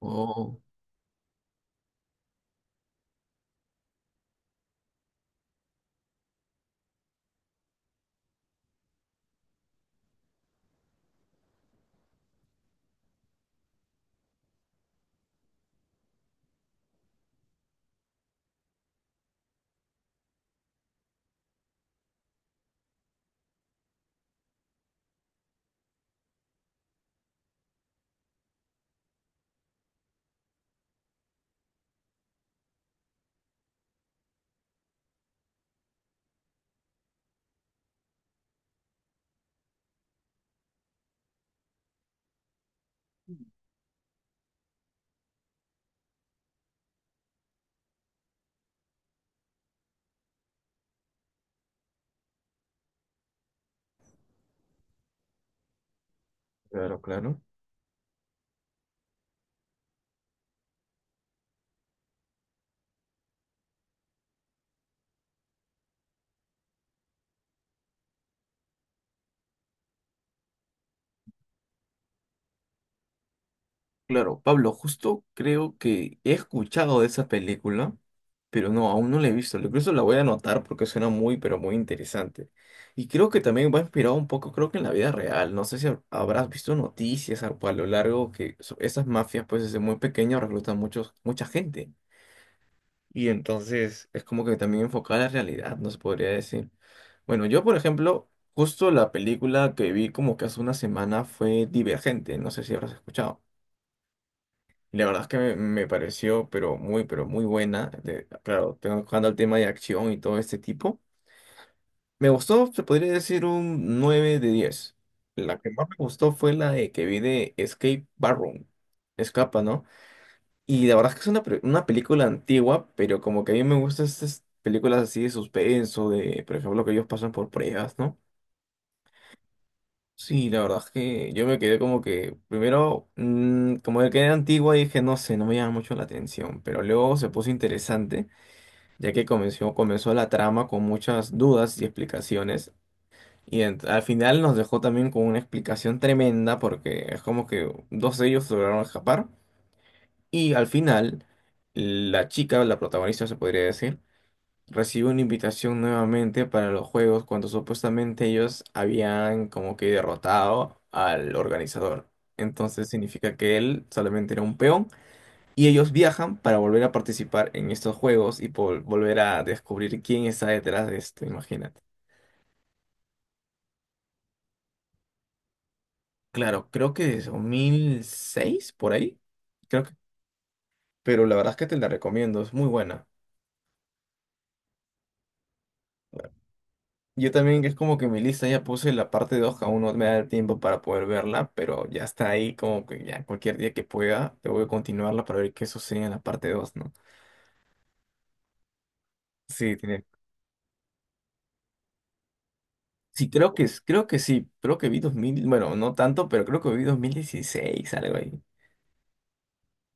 Oh, claro, claro, claro, Pablo, justo creo que he escuchado de esa película, pero no, aún no la he visto. Incluso la voy a anotar porque suena muy, pero muy interesante. Y creo que también va inspirado un poco, creo que en la vida real. No sé si habrás visto noticias a lo largo que esas mafias, pues desde muy pequeños reclutan muchos, mucha gente. Y entonces es como que también enfocada a la realidad, nos podría decir. Bueno, yo, por ejemplo, justo la película que vi como que hace una semana fue Divergente, no sé si habrás escuchado. Y la verdad es que me pareció, pero muy buena. Claro, tocando el tema de acción y todo este tipo. Me gustó, se podría decir un 9 de diez. La que más me gustó fue la de que vi de Escape Barroom. Escapa, ¿no? Y la verdad es que es una, una película antigua, pero como que a mí me gustan estas películas así de suspenso, de, por ejemplo, que ellos pasan por pruebas, ¿no? Sí, la verdad es que yo me quedé como que, primero, como que era antigua y dije, no sé, no me llama mucho la atención, pero luego se puso interesante, ya que comenzó, comenzó la trama con muchas dudas y explicaciones, y al final nos dejó también con una explicación tremenda, porque es como que dos de ellos lograron escapar. Y al final, la chica, la protagonista se podría decir, recibió una invitación nuevamente para los juegos cuando supuestamente ellos habían como que derrotado al organizador. Entonces significa que él solamente era un peón y ellos viajan para volver a participar en estos juegos y por volver a descubrir quién está detrás de esto, imagínate. Claro, creo que es 2006 por ahí, creo que, pero la verdad es que te la recomiendo, es muy buena. Yo también es como que mi lista ya puse la parte dos, aún no me da el tiempo para poder verla, pero ya está ahí como que ya cualquier día que pueda, te voy a continuarla para ver qué sucede en la parte dos, ¿no? Sí, tiene. Sí, creo que, creo que sí, creo que vi dos mil, bueno, no tanto, pero creo que vi dos mil dieciséis, algo ahí.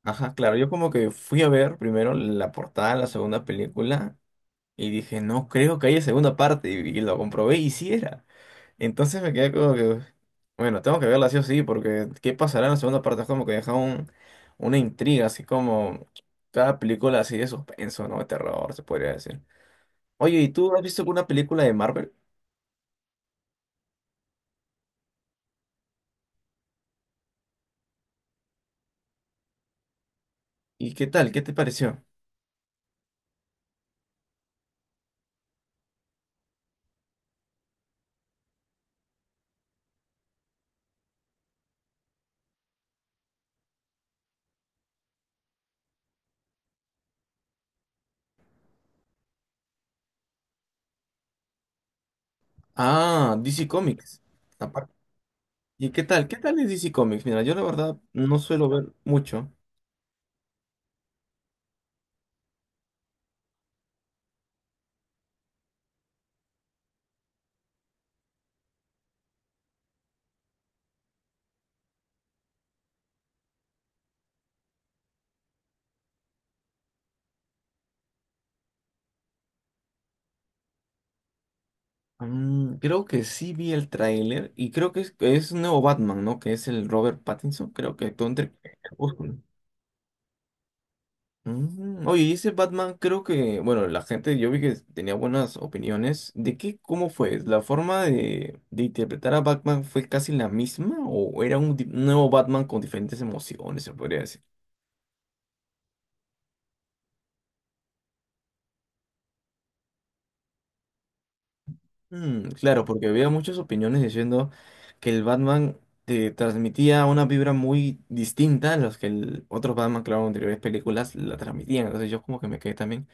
Ajá, claro, yo como que fui a ver primero la portada de la segunda película, y dije, no creo que haya segunda parte. Y lo comprobé y sí era. Entonces me quedé como que, bueno, tengo que verla sí o sí, porque ¿qué pasará en la segunda parte? Es como que deja un, una intriga, así como cada película así de suspenso, ¿no? De terror, se podría decir. Oye, ¿y tú has visto alguna película de Marvel? ¿Y qué tal? ¿Qué te pareció? Ah, DC Comics. Aparte. ¿Y qué tal? ¿Qué tal es DC Comics? Mira, yo la verdad no suelo ver mucho. Mm, creo que sí vi el tráiler y creo que es un nuevo Batman, ¿no? Que es el Robert Pattinson, creo que todo entre Crepúsculo. Mm, oye, y ese Batman creo que, bueno, la gente, yo vi que tenía buenas opiniones. ¿De qué, cómo fue? ¿La forma de interpretar a Batman fue casi la misma o era un nuevo Batman con diferentes emociones, se podría decir? Mm, claro, porque había muchas opiniones diciendo que el Batman te transmitía una vibra muy distinta a las que el otros Batman, claro, en anteriores películas la transmitían. Entonces yo como que me quedé también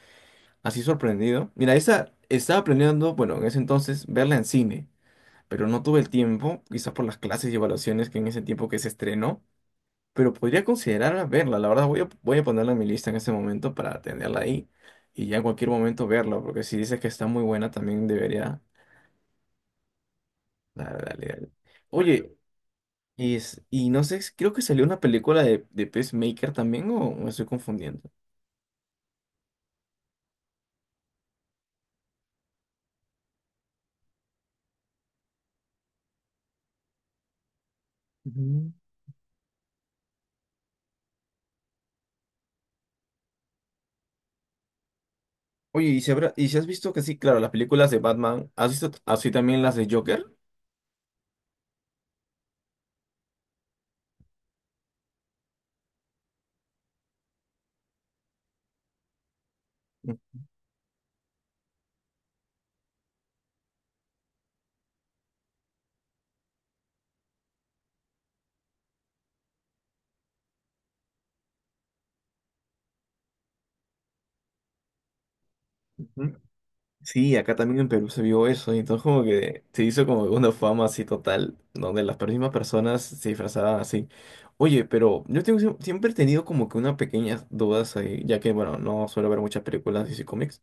así sorprendido. Mira, esa estaba planeando, bueno, en ese entonces verla en cine, pero no tuve el tiempo, quizás por las clases y evaluaciones que en ese tiempo que se estrenó, pero podría considerar verla. La verdad voy a ponerla en mi lista en ese momento para tenerla ahí y ya en cualquier momento verla, porque si dices que está muy buena también debería. Dale, dale, dale. Oye, y, y no sé, creo que salió una película de Peacemaker también, o me estoy confundiendo. Ujú. Oye, ¿y si, y si has visto que sí, claro, las películas de Batman, ¿has visto así también las de Joker? Ujú. Sí, acá también en Perú se vio eso, y entonces como que se hizo como una fama así total, donde las mismas personas se disfrazaban así. Oye, pero yo tengo, siempre he tenido como que unas pequeñas dudas ahí, ya que, bueno, no suelo ver muchas películas de cómics.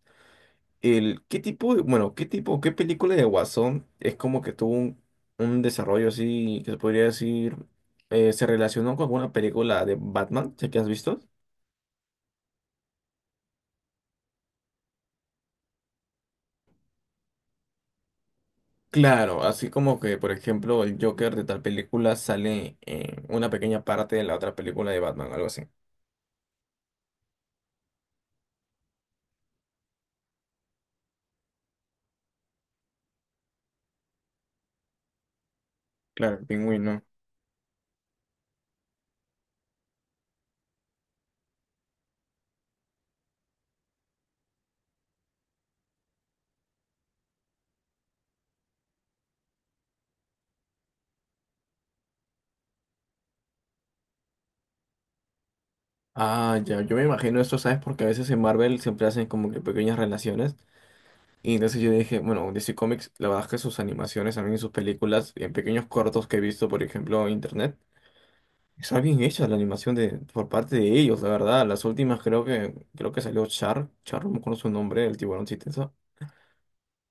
El, ¿qué tipo de, bueno, qué tipo, qué película de Guasón es como que tuvo un desarrollo así, que se podría decir, se relacionó con alguna película de Batman, sé que has visto? Claro, así como que, por ejemplo, el Joker de tal película sale en una pequeña parte de la otra película de Batman, algo así. Claro, el pingüino. Ah, ya, yo me imagino esto, ¿sabes? Porque a veces en Marvel siempre hacen como que pequeñas relaciones. Y entonces yo dije, bueno, DC Comics, la verdad es que sus animaciones, también sus películas, en pequeños cortos que he visto, por ejemplo, en internet, está bien hecha la animación por parte de ellos, la verdad. Las últimas creo que salió Char, Char, no me acuerdo su nombre, el tiburón chistoso.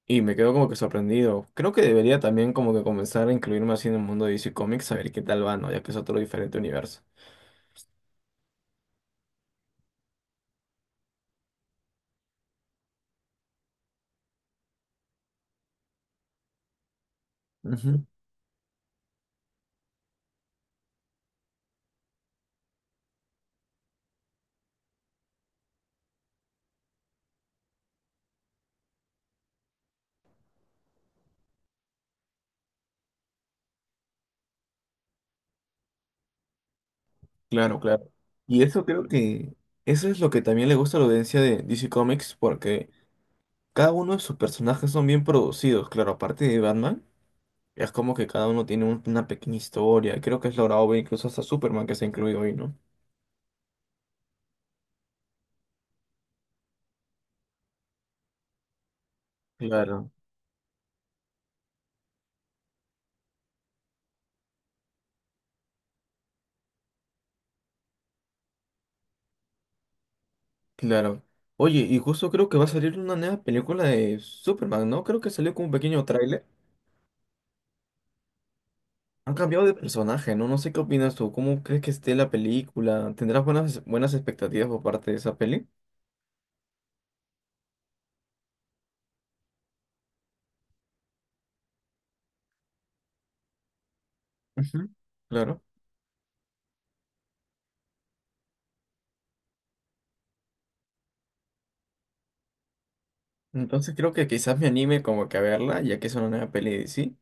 Y me quedo como que sorprendido. Creo que debería también como que comenzar a incluirme así en el mundo de DC Comics, a ver qué tal va, ¿no? Ya que es otro diferente universo. Ujú, claro, claro. Y eso creo que, eso es lo que también le gusta a la audiencia de DC Comics, porque... Cada uno de sus personajes son bien producidos, claro, aparte de Batman, es como que cada uno tiene un, una pequeña historia. Creo que es logrado ver incluso hasta Superman que se ha incluido hoy, ¿no? Claro, claro. Oye, y justo creo que va a salir una nueva película de Superman, ¿no? Creo que salió como un pequeño tráiler. Han cambiado de personaje, ¿no? No sé qué opinas tú. ¿Cómo crees que esté la película? ¿Tendrás buenas, buenas expectativas por parte de esa peli? Ujú. Claro. Entonces creo que quizás me anime como que a verla, ya que es una nueva peli de DC.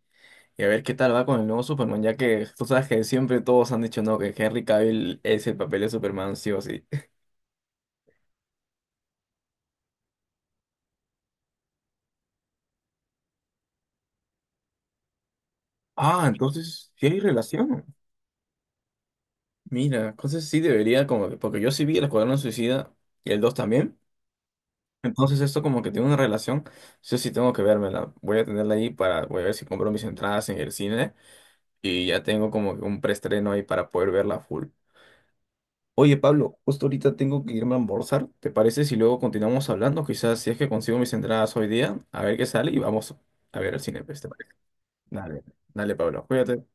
Y a ver qué tal va con el nuevo Superman, ya que tú sabes que siempre todos han dicho no, que Henry Cavill es el papel de Superman, sí o sí. Ah, entonces sí hay relación. Mira, entonces sí debería, como que, porque yo sí vi el Escuadrón Suicida y el 2 también. Entonces esto como que tiene una relación. Yo sí tengo que vérmela. Voy a tenerla ahí para, voy a ver si compro mis entradas en el cine. Y ya tengo como que un preestreno ahí para poder verla full. Oye, Pablo, justo ahorita tengo que irme a almorzar. ¿Te parece si luego continuamos hablando? Quizás si es que consigo mis entradas hoy día, a ver qué sale y vamos a ver el cine, pues, ¿te parece? Dale, dale, Pablo, cuídate.